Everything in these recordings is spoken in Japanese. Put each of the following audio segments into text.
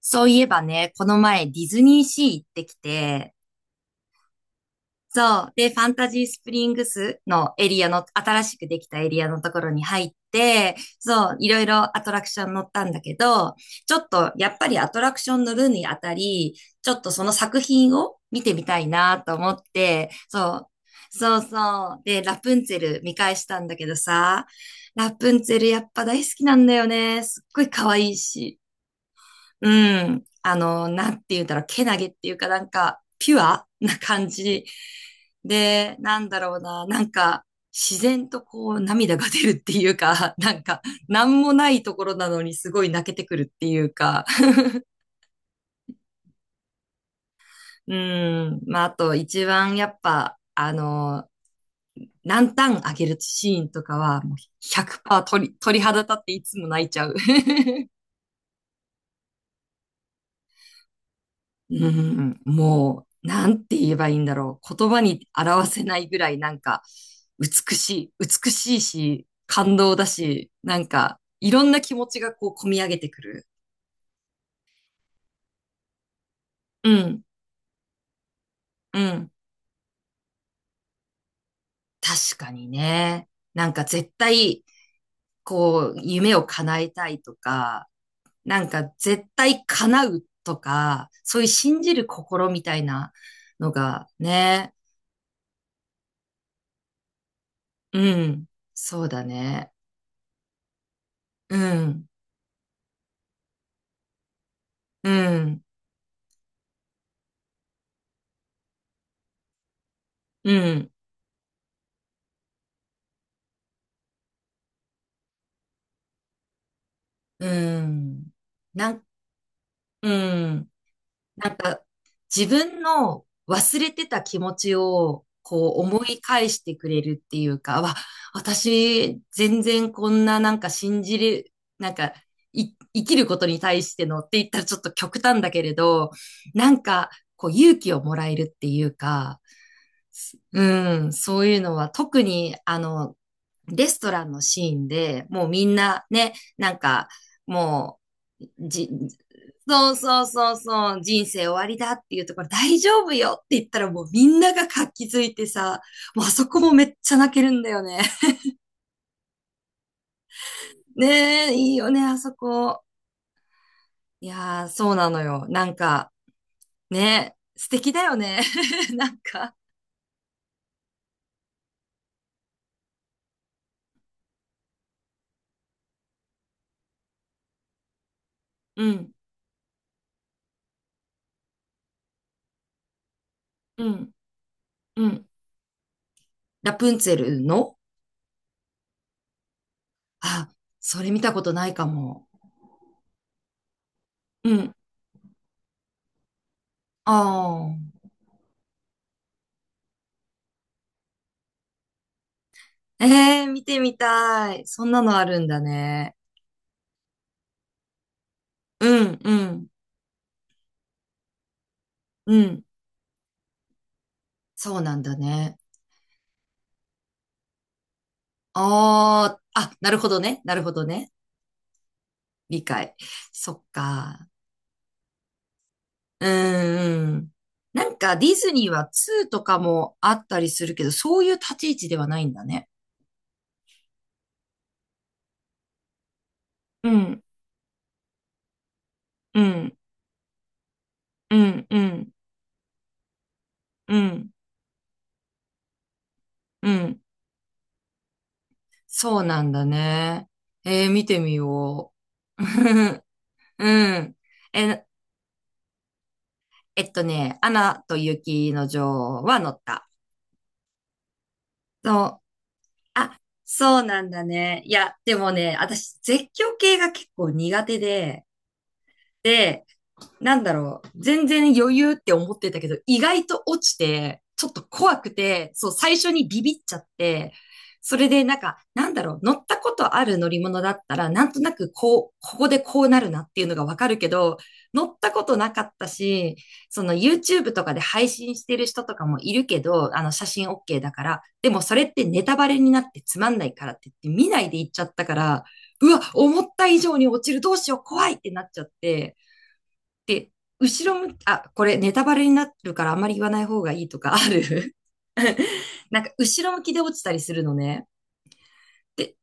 そういえばね、この前ディズニーシー行ってきて、そう。で、ファンタジースプリングスのエリアの、新しくできたエリアのところに入って、そう、いろいろアトラクション乗ったんだけど、ちょっとやっぱりアトラクション乗るにあたり、ちょっとその作品を見てみたいなと思って、そう、そうそう。で、ラプンツェル見返したんだけどさ、ラプンツェルやっぱ大好きなんだよね。すっごい可愛いし。うん。あの、なんて言うんだろう、けなげっていうか、なんか、ピュア な感じ。で、なんだろうな、なんか、自然とこう、涙が出るっていうか、なんか、なんもないところなのにすごい泣けてくるっていうか、うん。まあ、あと、一番やっぱ、あの、ランタンあげるシーンとかは、もう100%鳥肌立っていつも泣いちゃう。うん、もう、なんて言えばいいんだろう。言葉に表せないぐらい、なんか、美しいし、感動だし、なんか、いろんな気持ちがこう、込み上げてくる。うん、うん。確かにね。なんか、絶対、こう、夢を叶えたいとか、なんか、絶対叶うとか、そういう信じる心みたいなのが、ね。うん、そうだね。うん、うん、うん。うん。なん、うん。なんか、自分の忘れてた気持ちを、こう思い返してくれるっていうか、私、全然こんななんか信じる、なんか、生きることに対してのって言ったらちょっと極端だけれど、なんか、こう勇気をもらえるっていうか、うん、そういうのは特にあの、レストランのシーンで、もうみんなね、なんか、もう、じ、そうそうそうそう、人生終わりだっていうところ、大丈夫よって言ったらもうみんなが活気づいてさ、もうあそこもめっちゃ泣けるんだよね。ねえ、いいよね、あそこ。いやー、そうなのよ。なんか、ね、素敵だよね。なんか、うん、うん、うん。ラプンツェルのあ、それ見たことないかも。うん。ああ。ええー見てみたい。そんなのあるんだね。うん、うん、うん。そうなんだね。なるほどね。なるほどね。理解。そっか。うん、うん。なんかディズニーは2とかもあったりするけど、そういう立ち位置ではないんだね。うん、うん、うん、うん、うん、うん。そうなんだね。ええ見てみよう。うん。え、えっとね、アナと雪の女王は乗った。そう。あ、そうなんだね。いや、でもね、私、絶叫系が結構苦手で、で、なんだろう、全然余裕って思ってたけど、意外と落ちて、ちょっと怖くて、そう、最初にビビっちゃって、それでなんか、なんだろう、乗ったことある乗り物だったら、なんとなくこう、ここでこうなるなっていうのがわかるけど、乗ったことなかったし、その YouTube とかで配信してる人とかもいるけど、あの写真 OK だから、でもそれってネタバレになってつまんないからって言って見ないで行っちゃったから、うわ、思った以上に落ちる、どうしよう、怖いってなっちゃって、で、後ろ向き、あ、これネタバレになるからあんまり言わない方がいいとかある？ なんか後ろ向きで落ちたりするのね。で、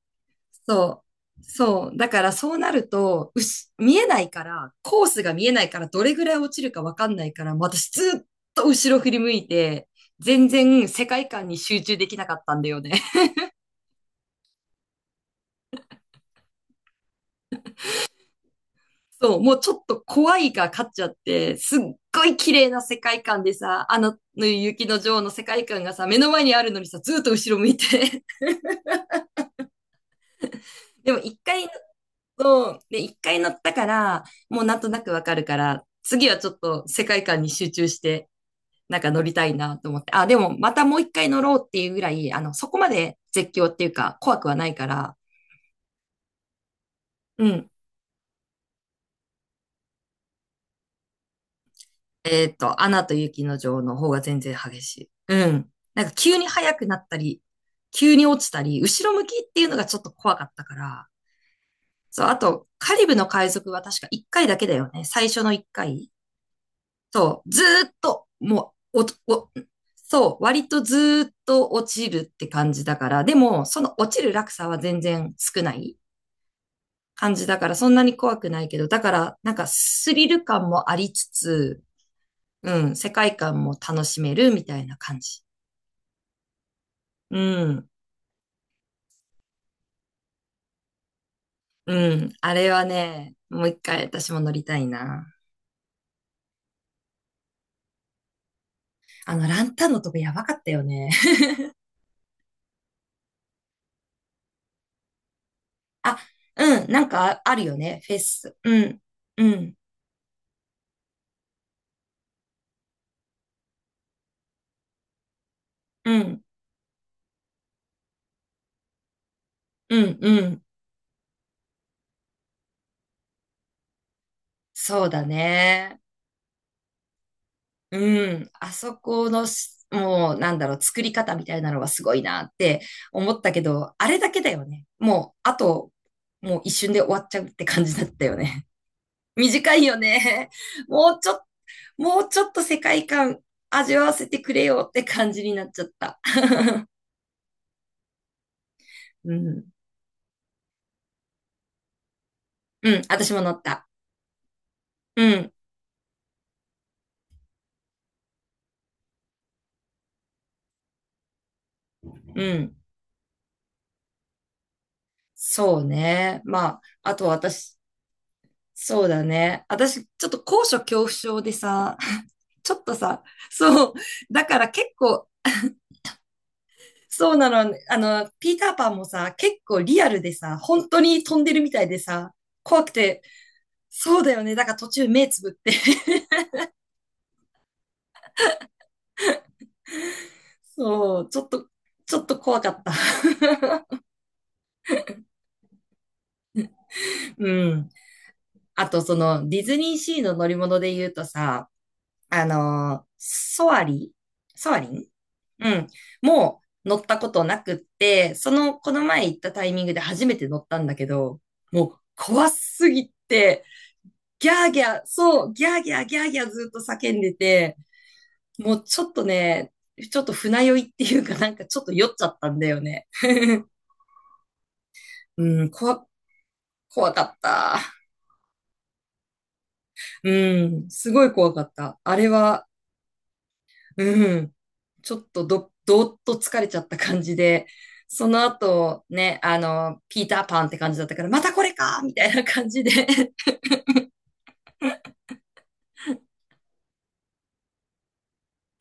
そう。そう。だからそうなると、見えないから、コースが見えないから、どれぐらい落ちるかわかんないから、私ずっと後ろ振り向いて、全然世界観に集中できなかったんだよね。そう、もうちょっと怖いが勝っちゃって、すっごい綺麗な世界観でさ、あの雪の女王の世界観がさ、目の前にあるのにさ、ずっと後ろ向いて。でも一回乗ると、で、一回乗ったから、もうなんとなくわかるから、次はちょっと世界観に集中して、なんか乗りたいなと思って。あ、でもまたもう一回乗ろうっていうぐらい、あの、そこまで絶叫っていうか怖くはないから、うん、えっと、アナと雪の女王の方が全然激しい。うん。なんか急に速くなったり、急に落ちたり、後ろ向きっていうのがちょっと怖かったから。そう、あと、カリブの海賊は確か1回だけだよね。最初の1回。そう、ずーっと、もう、そう、割とずーっと落ちるって感じだから、でも、その落ちる落差は全然少ない感じだから、そんなに怖くないけど、だから、なんかスリル感もありつつ、うん、世界観も楽しめるみたいな感じ。うん、うん。あれはね、もう一回私も乗りたいな。あの、ランタンのとこやばかったよね。あ、うん、なんかああるよね、フェス。うん、うん、うん、うん、うん。そうだね。うん、あそこのし、もう、なんだろう、作り方みたいなのがすごいなって思ったけど、あれだけだよね。もう、あと、もう一瞬で終わっちゃうって感じだったよね。短いよね。もうちょっもうちょっと世界観味わわせてくれよって感じになっちゃった。うん。うん、私も乗った。うん、うん。そうね。まあ、あと私、そうだね。私、ちょっと高所恐怖症でさ、ちょっとさ、そう、だから結構、そうなの、あの、ピーターパンもさ、結構リアルでさ、本当に飛んでるみたいでさ、怖くて、そうだよね。だから途中目つぶって、そう、ちょっと、ちょっと怖かった。うん。あと、その、ディズニーシーの乗り物で言うとさ、あのーソアリソアリン、うん。もう乗ったことなくって、その、この前行ったタイミングで初めて乗ったんだけど、もう怖すぎて、ギャーギャー、そう、ギャーギャー、ギャーギャーずっと叫んでて、もうちょっとね、ちょっと船酔いっていうかなんかちょっと酔っちゃったんだよね。うん、怖かった。うん、すごい怖かった。あれは、うん。ちょっとど、どーっと疲れちゃった感じで、その後ね、あの、ピーターパンって感じだったから、またこれかみたいな感じで。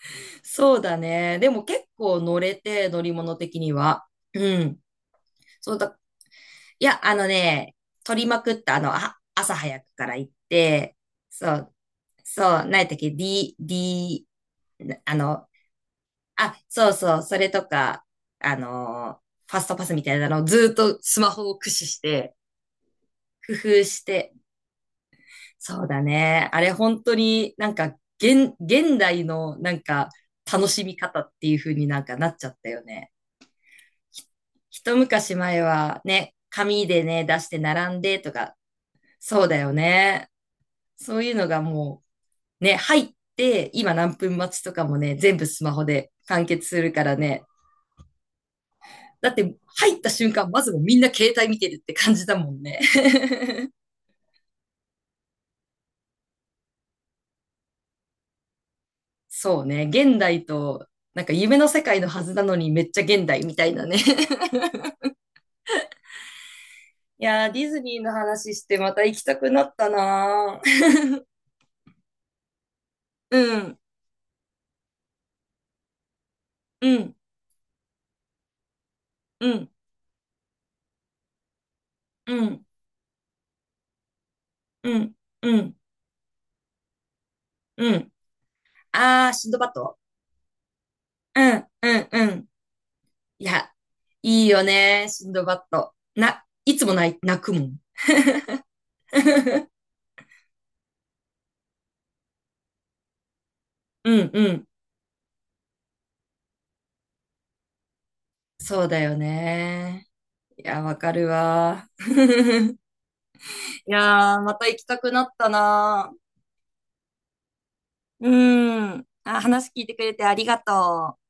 そうだね。でも結構乗れて、乗り物的には。うん。そうだ。いや、あのね、取りまくった、あの、あ、朝早くから行って、そう、そう、何やったっけ ?D、D、なあの、あ、そうそう、それとか、あの、ファストパスみたいなのをずーっとスマホを駆使して、工夫して。そうだね。あれ本当になんか現代のなんか楽しみ方っていう風になんかなっちゃったよね。ひ一昔前はね、紙でね、出して並んでとか、そうだよね。そういうのがもうね、入って今何分待ちとかもね、全部スマホで完結するからね。だって入った瞬間、まずもうみんな携帯見てるって感じだもんね。そうね。現代と、なんか夢の世界のはずなのにめっちゃ現代みたいなね。いやー、ディズニーの話してまた行きたくなったなー。うん、うん、うん、うん、うん、うん、うん。あー、シンドバッド、うん、うん、うん。いや、いいよねー、シンドバッド。いつも泣くもん。うん、うん。そうだよねー。いや、わかるわー。いやー、また行きたくなったなー。うん。あ、話聞いてくれてありがとう。